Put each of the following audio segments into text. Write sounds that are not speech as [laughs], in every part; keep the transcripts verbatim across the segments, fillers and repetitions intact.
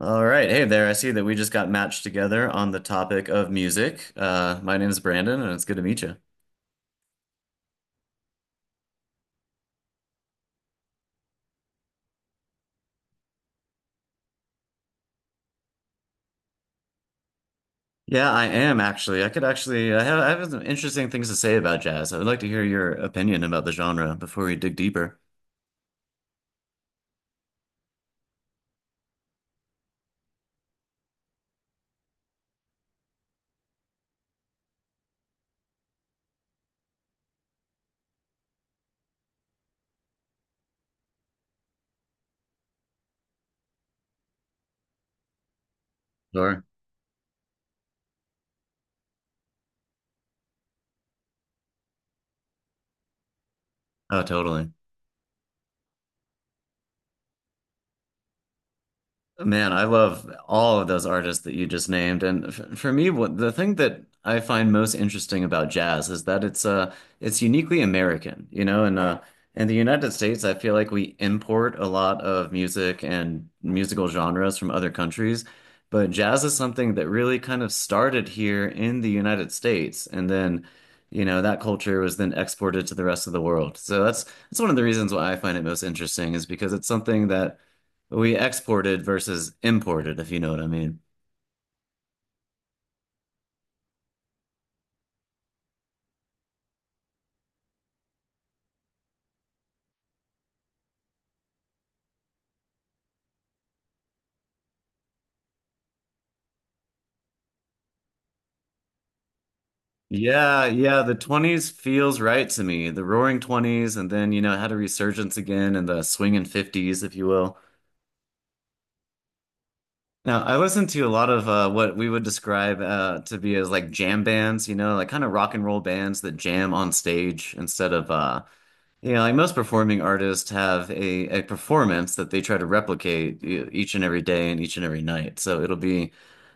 All right. Hey there. I see that we just got matched together on the topic of music. Uh, my name is Brandon, and it's good to meet you. Yeah, I am actually. I could actually, I have, I have some interesting things to say about jazz. I would like to hear your opinion about the genre before we dig deeper. Sure. Oh, totally. Man, I love all of those artists that you just named. And f for me, what the thing that I find most interesting about jazz is that it's uh it's uniquely American, you know, and yeah, uh in the United States, I feel like we import a lot of music and musical genres from other countries, but jazz is something that really kind of started here in the United States, and then, you know, that culture was then exported to the rest of the world. So that's that's one of the reasons why I find it most interesting is because it's something that we exported versus imported, if you know what I mean. Yeah, yeah, the twenties feels right to me. The roaring twenties, and then, you know, it had a resurgence again in the swinging fifties, if you will. Now, I listened to a lot of uh, what we would describe uh, to be as like jam bands, you know, like kind of rock and roll bands that jam on stage instead of uh, Yeah, like most performing artists have a, a performance that they try to replicate e- each and every day and each and every night. So it'll be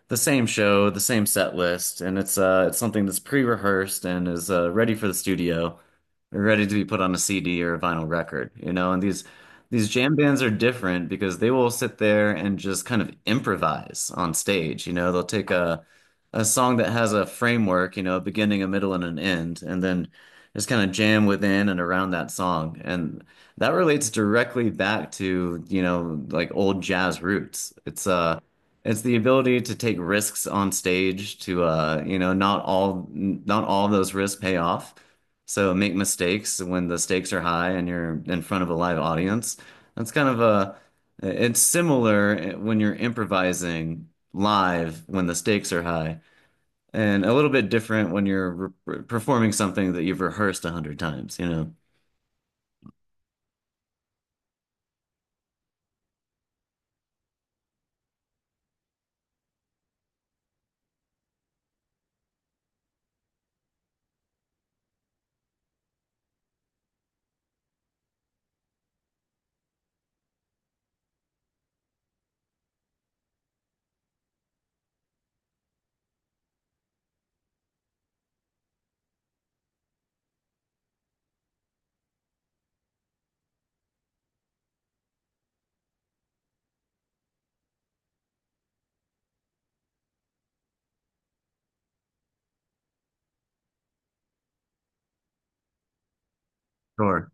the same show, the same set list, and it's uh it's something that's pre-rehearsed and is uh, ready for the studio, ready to be put on a C D or a vinyl record, you know. And these these jam bands are different because they will sit there and just kind of improvise on stage, you know. They'll take a a song that has a framework, you know, a beginning, a middle, and an end, and then just kind of jam within and around that song. And that relates directly back to, you know, like old jazz roots. It's uh it's the ability to take risks on stage to uh, you know, not all not all of those risks pay off. So make mistakes when the stakes are high and you're in front of a live audience. That's kind of a, it's similar when you're improvising live when the stakes are high, and a little bit different when you're re re- performing something that you've rehearsed a hundred times, you know? Sure.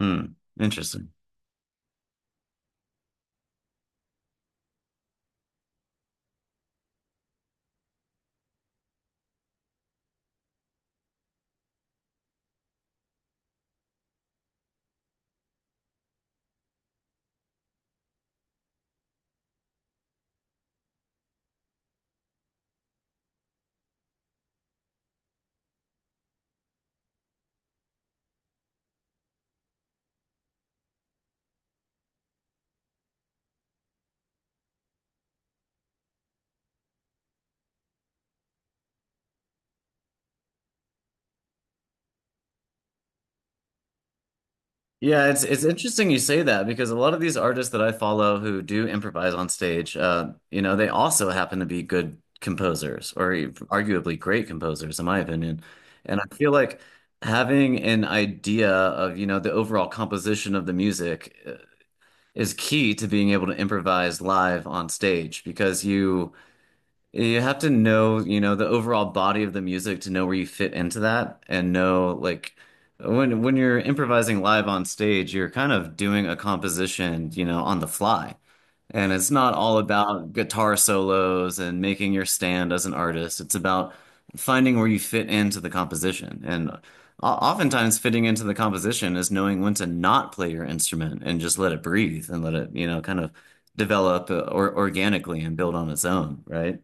Hmm. Interesting. Yeah, it's it's interesting you say that because a lot of these artists that I follow who do improvise on stage, uh, you know, they also happen to be good composers or e- arguably great composers, in my opinion. And I feel like having an idea of, you know, the overall composition of the music uh, is key to being able to improvise live on stage, because you You have to know, you know, the overall body of the music to know where you fit into that and know, like, when when you're improvising live on stage, you're kind of doing a composition, you know, on the fly. And it's not all about guitar solos and making your stand as an artist. It's about finding where you fit into the composition. And o- oftentimes fitting into the composition is knowing when to not play your instrument and just let it breathe and let it, you know, kind of develop uh, or organically and build on its own, right?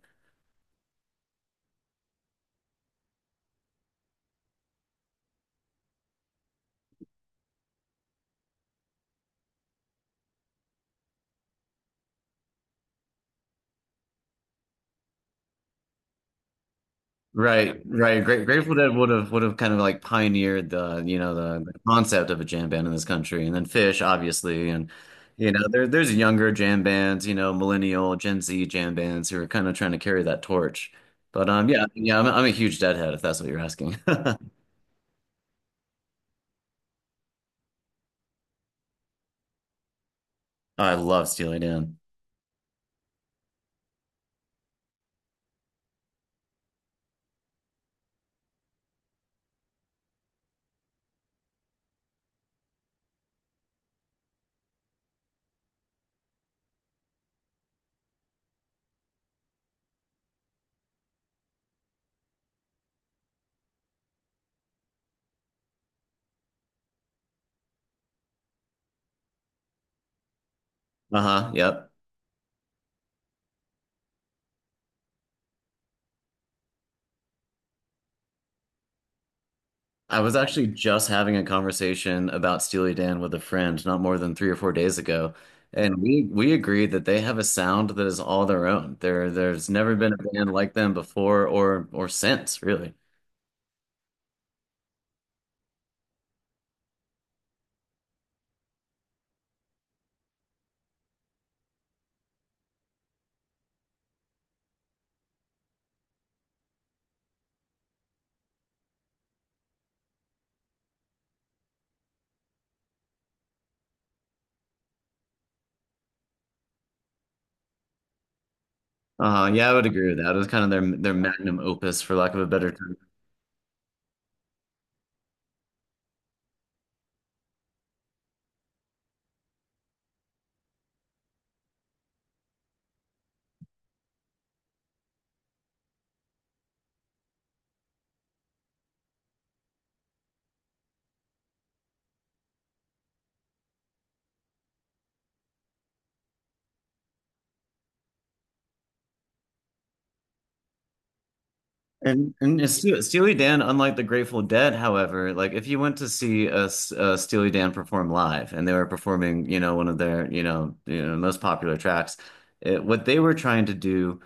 Right, right. Great, Grateful Dead would have would have kind of like pioneered, the you know, the, the concept of a jam band in this country, and then Fish, obviously, and you know, there there's younger jam bands, you know, millennial Gen Z jam bands who are kind of trying to carry that torch. But um, yeah, yeah, I'm, a- I'm a huge Deadhead, if that's what you're asking. [laughs] I love Steely Dan. Uh-huh. Yep. I was actually just having a conversation about Steely Dan with a friend not more than three or four days ago, and we we agreed that they have a sound that is all their own. There there's never been a band like them before or or since, really. Uh, yeah, I would agree with that. It was kind of their their magnum opus, for lack of a better term. And and Ste- Steely Dan, unlike the Grateful Dead, however, like if you went to see a, S- a Steely Dan perform live, and they were performing, you know, one of their, you know, you know, most popular tracks, it, what they were trying to do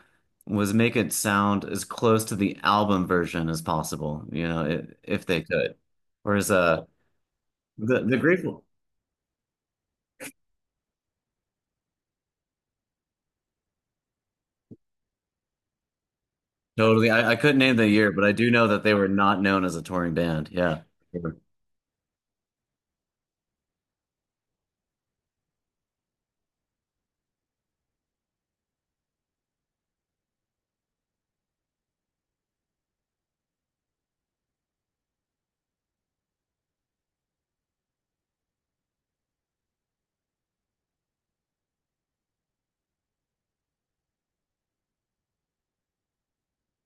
was make it sound as close to the album version as possible, you know, it, if they could. Whereas uh, the the Grateful. Totally, I, I couldn't name the year, but I do know that they were not known as a touring band. Yeah.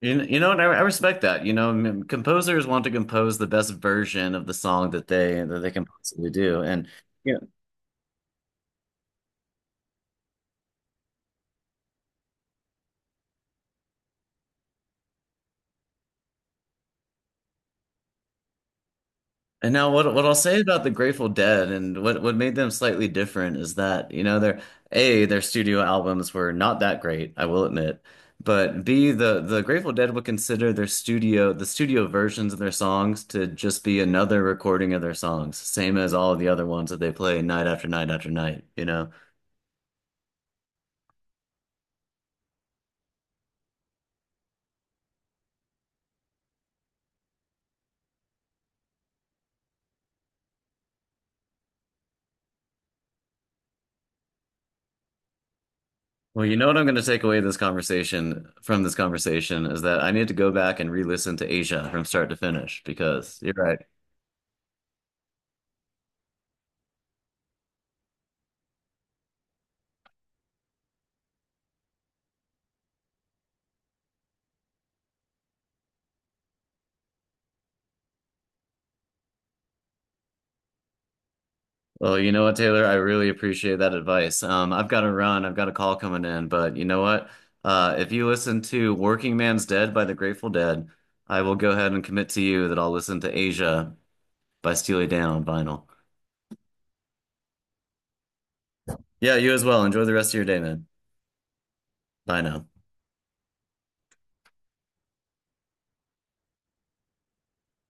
You, you know, and I, I respect that. You know, I mean, composers want to compose the best version of the song that they that they can possibly do. And yeah. And now what what I'll say about the Grateful Dead, and what what made them slightly different, is that, you know, their A, their studio albums were not that great, I will admit. But B, the the Grateful Dead would consider their studio the studio versions of their songs to just be another recording of their songs, same as all of the other ones that they play night after night after night, you know. Well, you know what I'm going to take away this conversation, from this conversation, is that I need to go back and re-listen to Asia from start to finish, because you're right. Well, you know what, Taylor, I really appreciate that advice. Um, I've got to run, I've got a call coming in, but you know what? Uh, if you listen to Working Man's Dead by the Grateful Dead, I will go ahead and commit to you that I'll listen to Asia by Steely Dan on vinyl. Yeah, you as well. Enjoy the rest of your day, man. Bye now.